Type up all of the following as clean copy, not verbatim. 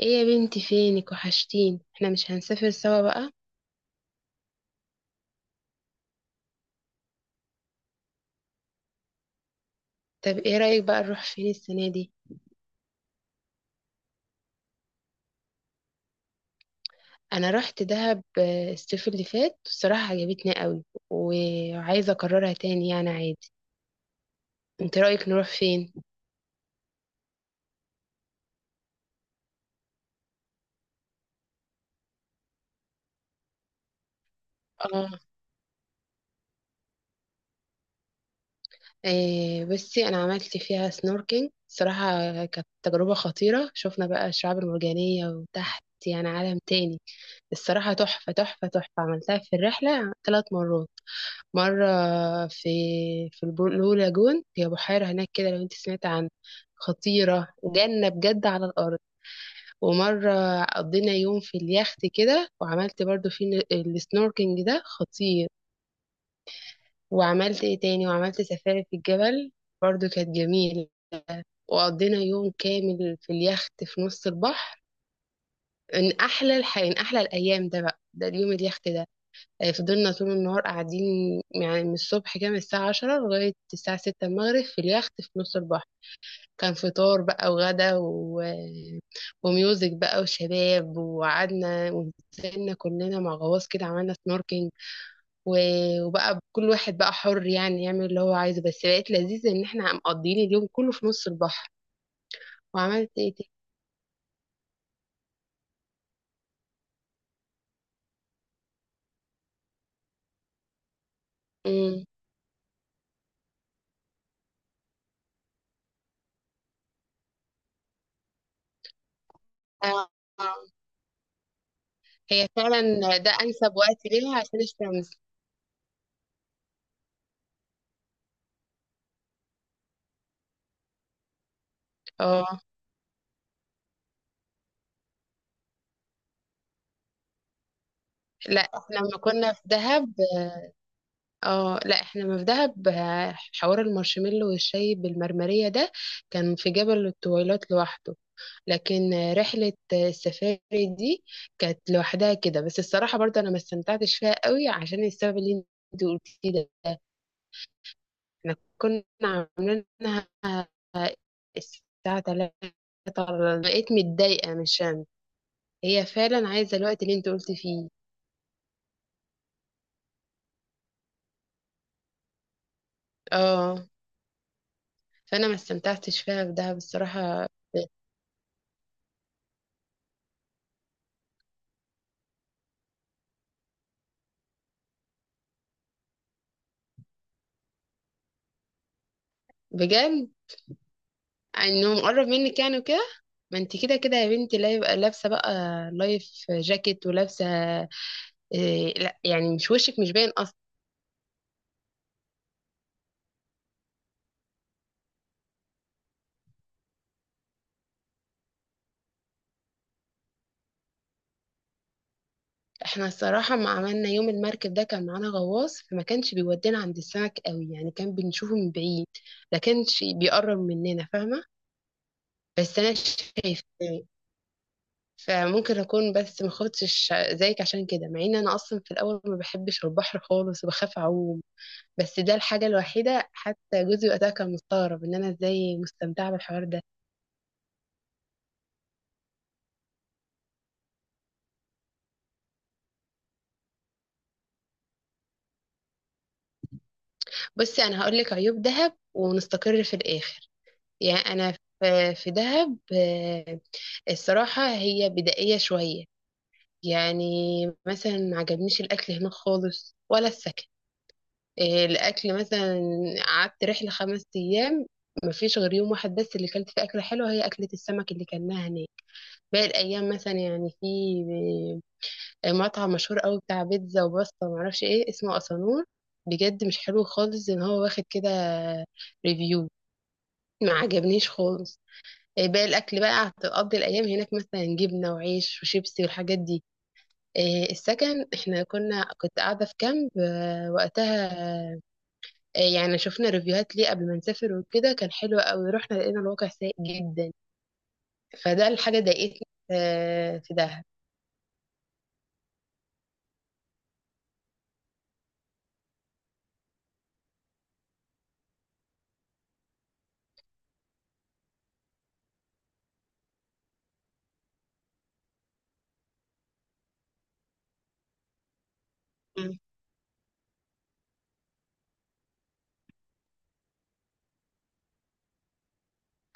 ايه يا بنتي؟ فينك، وحشتين. احنا مش هنسافر سوا بقى؟ طب ايه رأيك بقى نروح فين السنة دي؟ انا رحت دهب. الصيف اللي فات الصراحة عجبتني قوي، وعايزة اكررها تاني يعني عادي. انت رأيك نروح فين؟ اه. إيه، بصي، انا عملت فيها سنوركينج صراحة. كانت تجربة خطيرة، شفنا بقى الشعاب المرجانية وتحت يعني عالم تاني. الصراحة تحفة تحفة تحفة. عملتها في الرحلة ثلاث مرات. مرة في في البلو لاجون، هي بحيرة هناك كده لو انت سمعت عنها. خطيرة، جنة بجد على الأرض. ومرة قضينا يوم في اليخت كده، وعملت برضو السنوركينج ده خطير. وعملت ايه تاني، وعملت سفاري في الجبل، برضو كانت جميلة. وقضينا يوم كامل في اليخت في نص البحر. من أحلى أحلى الأيام ده بقى، ده اليوم اليخت ده. فضلنا طول النهار قاعدين، يعني من الصبح كده، من الساعة عشرة لغاية الساعة ستة المغرب في اليخت في نص البحر. كان فطار بقى وغدا وميوزك بقى وشباب، وقعدنا ونزلنا كلنا مع غواص كده، عملنا سنوركينج، و... وبقى كل واحد بقى حر يعني يعمل اللي هو عايزه، بس بقت لذيذة ان احنا مقضيين اليوم كله في نص البحر. وعملت ايه تاني. مم. آه، آه. هي فعلا. ده انسب وقت ليها عشان الشمس. اه، لا احنا لما كنا في دهب. اه لا، احنا ما في دهب، حوار المارشميلو والشاي بالمرمرية ده كان في جبل الطويلات لوحده. لكن رحلة السفاري دي كانت لوحدها كده. بس الصراحة برضه انا ما استمتعتش فيها قوي عشان السبب اللي انت قلتيه ده. احنا كنا عاملينها الساعة 3، بقيت متضايقة مش أنا. هي فعلا عايزة الوقت اللي انت قلت فيه. اه. فانا ما استمتعتش فيها في دهب الصراحة. بجد، انه مقرب منك يعني وكده. ما انت كده كده يا بنتي، لا يبقى لابسه بقى لايف جاكيت ولابسه. إيه لا، يعني مش وشك مش باين اصلا. احنا الصراحه ما عملنا يوم المركب ده كان معانا غواص، فما كانش بيودينا عند السمك قوي يعني، كان بنشوفه من بعيد. ما كانش بيقرب مننا، فاهمه. بس انا شايفه يعني، فممكن اكون بس ما خفتش زيك عشان كده، مع ان انا اصلا في الاول ما بحبش البحر خالص وبخاف اعوم. بس ده الحاجة الوحيدة، حتى جوزي وقتها كان مستغرب ان انا ازاي مستمتعة بالحوار ده. بصي، انا هقولك عيوب دهب ونستقر في الاخر. يعني انا في دهب، الصراحة هي بدائية شوية. يعني مثلا ما عجبنيش الاكل هناك خالص ولا السكن. الاكل مثلا، قعدت رحلة خمس ايام، مفيش غير يوم واحد بس اللي كلت فيه أكلة حلوة، هي أكلة السمك اللي كلناها هناك. باقي الأيام مثلا يعني، في مطعم مشهور قوي بتاع بيتزا وباستا ومعرفش ايه اسمه، أسانور. بجد مش حلو خالص، ان هو واخد كده ريفيو، ما عجبنيش خالص. باقي الاكل بقى هتقضي الايام هناك مثلا جبنه وعيش وشيبسي والحاجات دي. السكن، احنا كنت قاعده في كامب وقتها. يعني شفنا ريفيوهات ليه قبل ما نسافر وكده، كان حلو قوي، رحنا لقينا الواقع سيء جدا. فده الحاجه ضايقتني في دهب.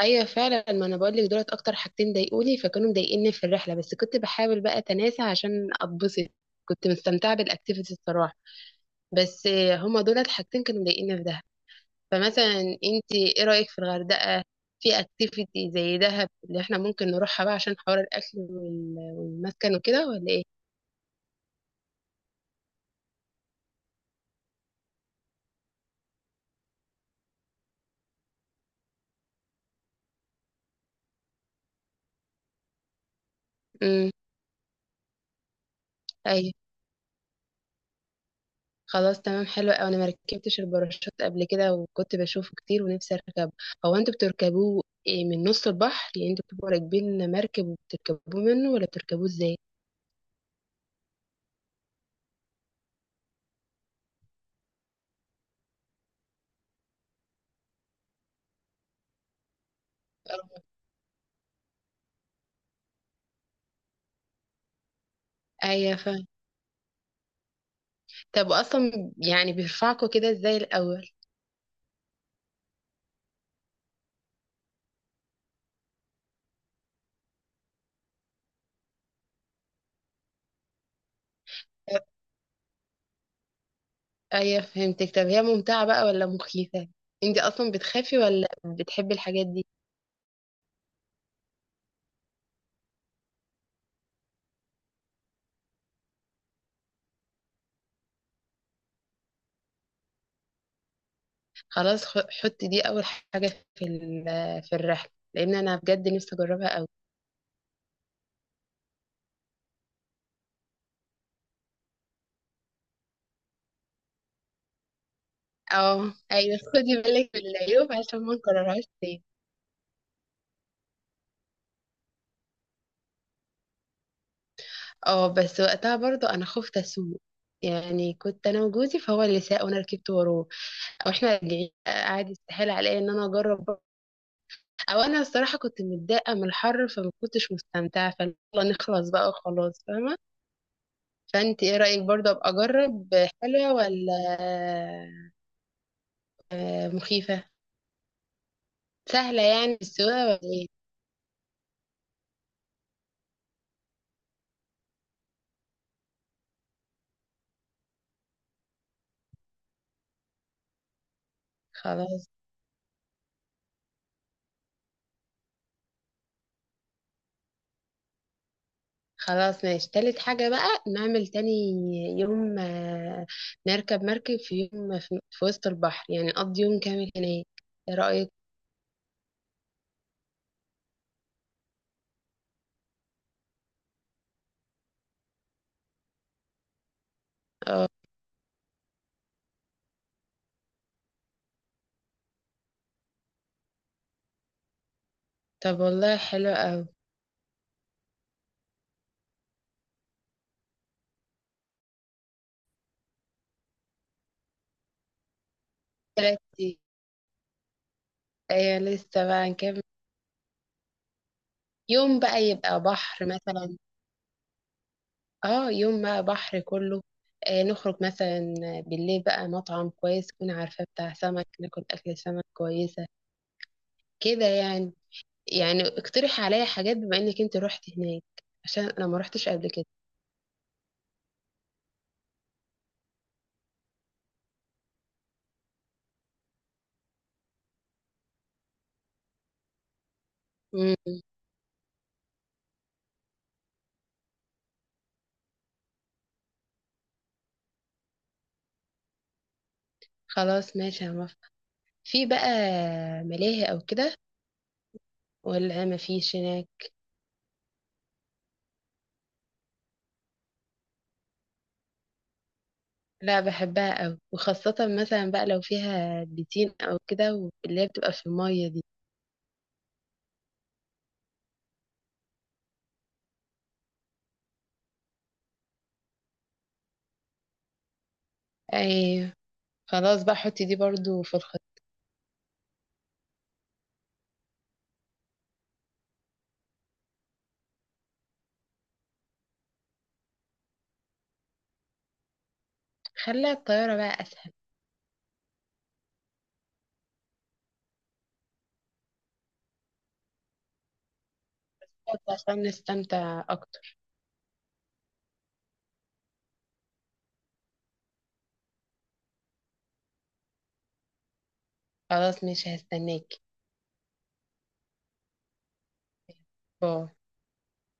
ايوه فعلا، ما انا بقول لك دولت اكتر حاجتين ضايقوني، فكانوا مضايقيني في الرحله، بس كنت بحاول بقى اتناسى عشان اتبسط. كنت مستمتعه بالاكتيفيتي الصراحه. بس هما دولت حاجتين كانوا مضايقيني في دهب. فمثلا انت ايه رايك في الغردقه؟ في اكتيفيتي زي دهب اللي احنا ممكن نروحها بقى، عشان حوار الاكل والمسكن وكده، ولا ايه؟ امم خلاص تمام، حلو قوي. انا ما ركبتش الباراشوت قبل كده، وكنت بشوفه كتير ونفسي اركبه. هو انتوا بتركبوه إيه، من نص البحر يعني؟ انتوا بتبقوا راكبين مركب وبتركبوه منه، ولا بتركبوه ازاي؟ ايوه فاهم. طب اصلا يعني بيرفعكوا كده ازاي الاول؟ طب ايوه فهمتك. طب هي ممتعة بقى ولا مخيفة؟ انت اصلا بتخافي ولا بتحبي الحاجات دي؟ خلاص، حطي دي اول حاجة في الرحلة، لان انا بجد نفسي اجربها قوي. اه ايوه، خدي بالك من العيوب عشان ما نكررهاش تاني. اه، بس وقتها برضو انا خفت اسوق، يعني كنت انا وجوزي، فهو اللي ساق وانا ركبت وراه. او احنا راجعين قاعد، يستحيل عليا ان انا اجرب برضه. او انا الصراحه كنت متضايقه من الحر، فما كنتش مستمتعه فيلا، نخلص بقى وخلاص فاهمه. فانت ايه رايك، برضو ابقى اجرب؟ حلوه ولا مخيفه؟ سهله يعني السواقه ولا ايه؟ خلاص. خلاص ماشي، تالت حاجة بقى نعمل تاني يوم، نركب مركب في يوم في وسط البحر، يعني نقضي يوم كامل هناك. ايه رأيك؟ اه طب والله حلو أوي. تلات أيام. أيوة، لسه بقى نكمل. يوم بقى يبقى بحر مثلا. اه، يوم بقى بحر كله. نخرج مثلا بالليل بقى، مطعم كويس تكون عارفاه بتاع سمك، ناكل أكل سمك كويسة كده يعني. يعني اقترح عليا حاجات بما إنك انت روحت هناك، عشان أنا ما روحتش قبل كده. خلاص ماشي هنوافق. في بقى ملاهي او كده، ولا ما فيش هناك؟ لا، بحبها أوي، وخاصة مثلا بقى لو فيها بيتين أو كده، واللي هي بتبقى في المية دي. أي. خلاص بقى، حطي دي برضو في الخط. خلي الطيارة بقى أسهل، عشان نستمتع أكتر. خلاص ماشي، هستناكي. باي.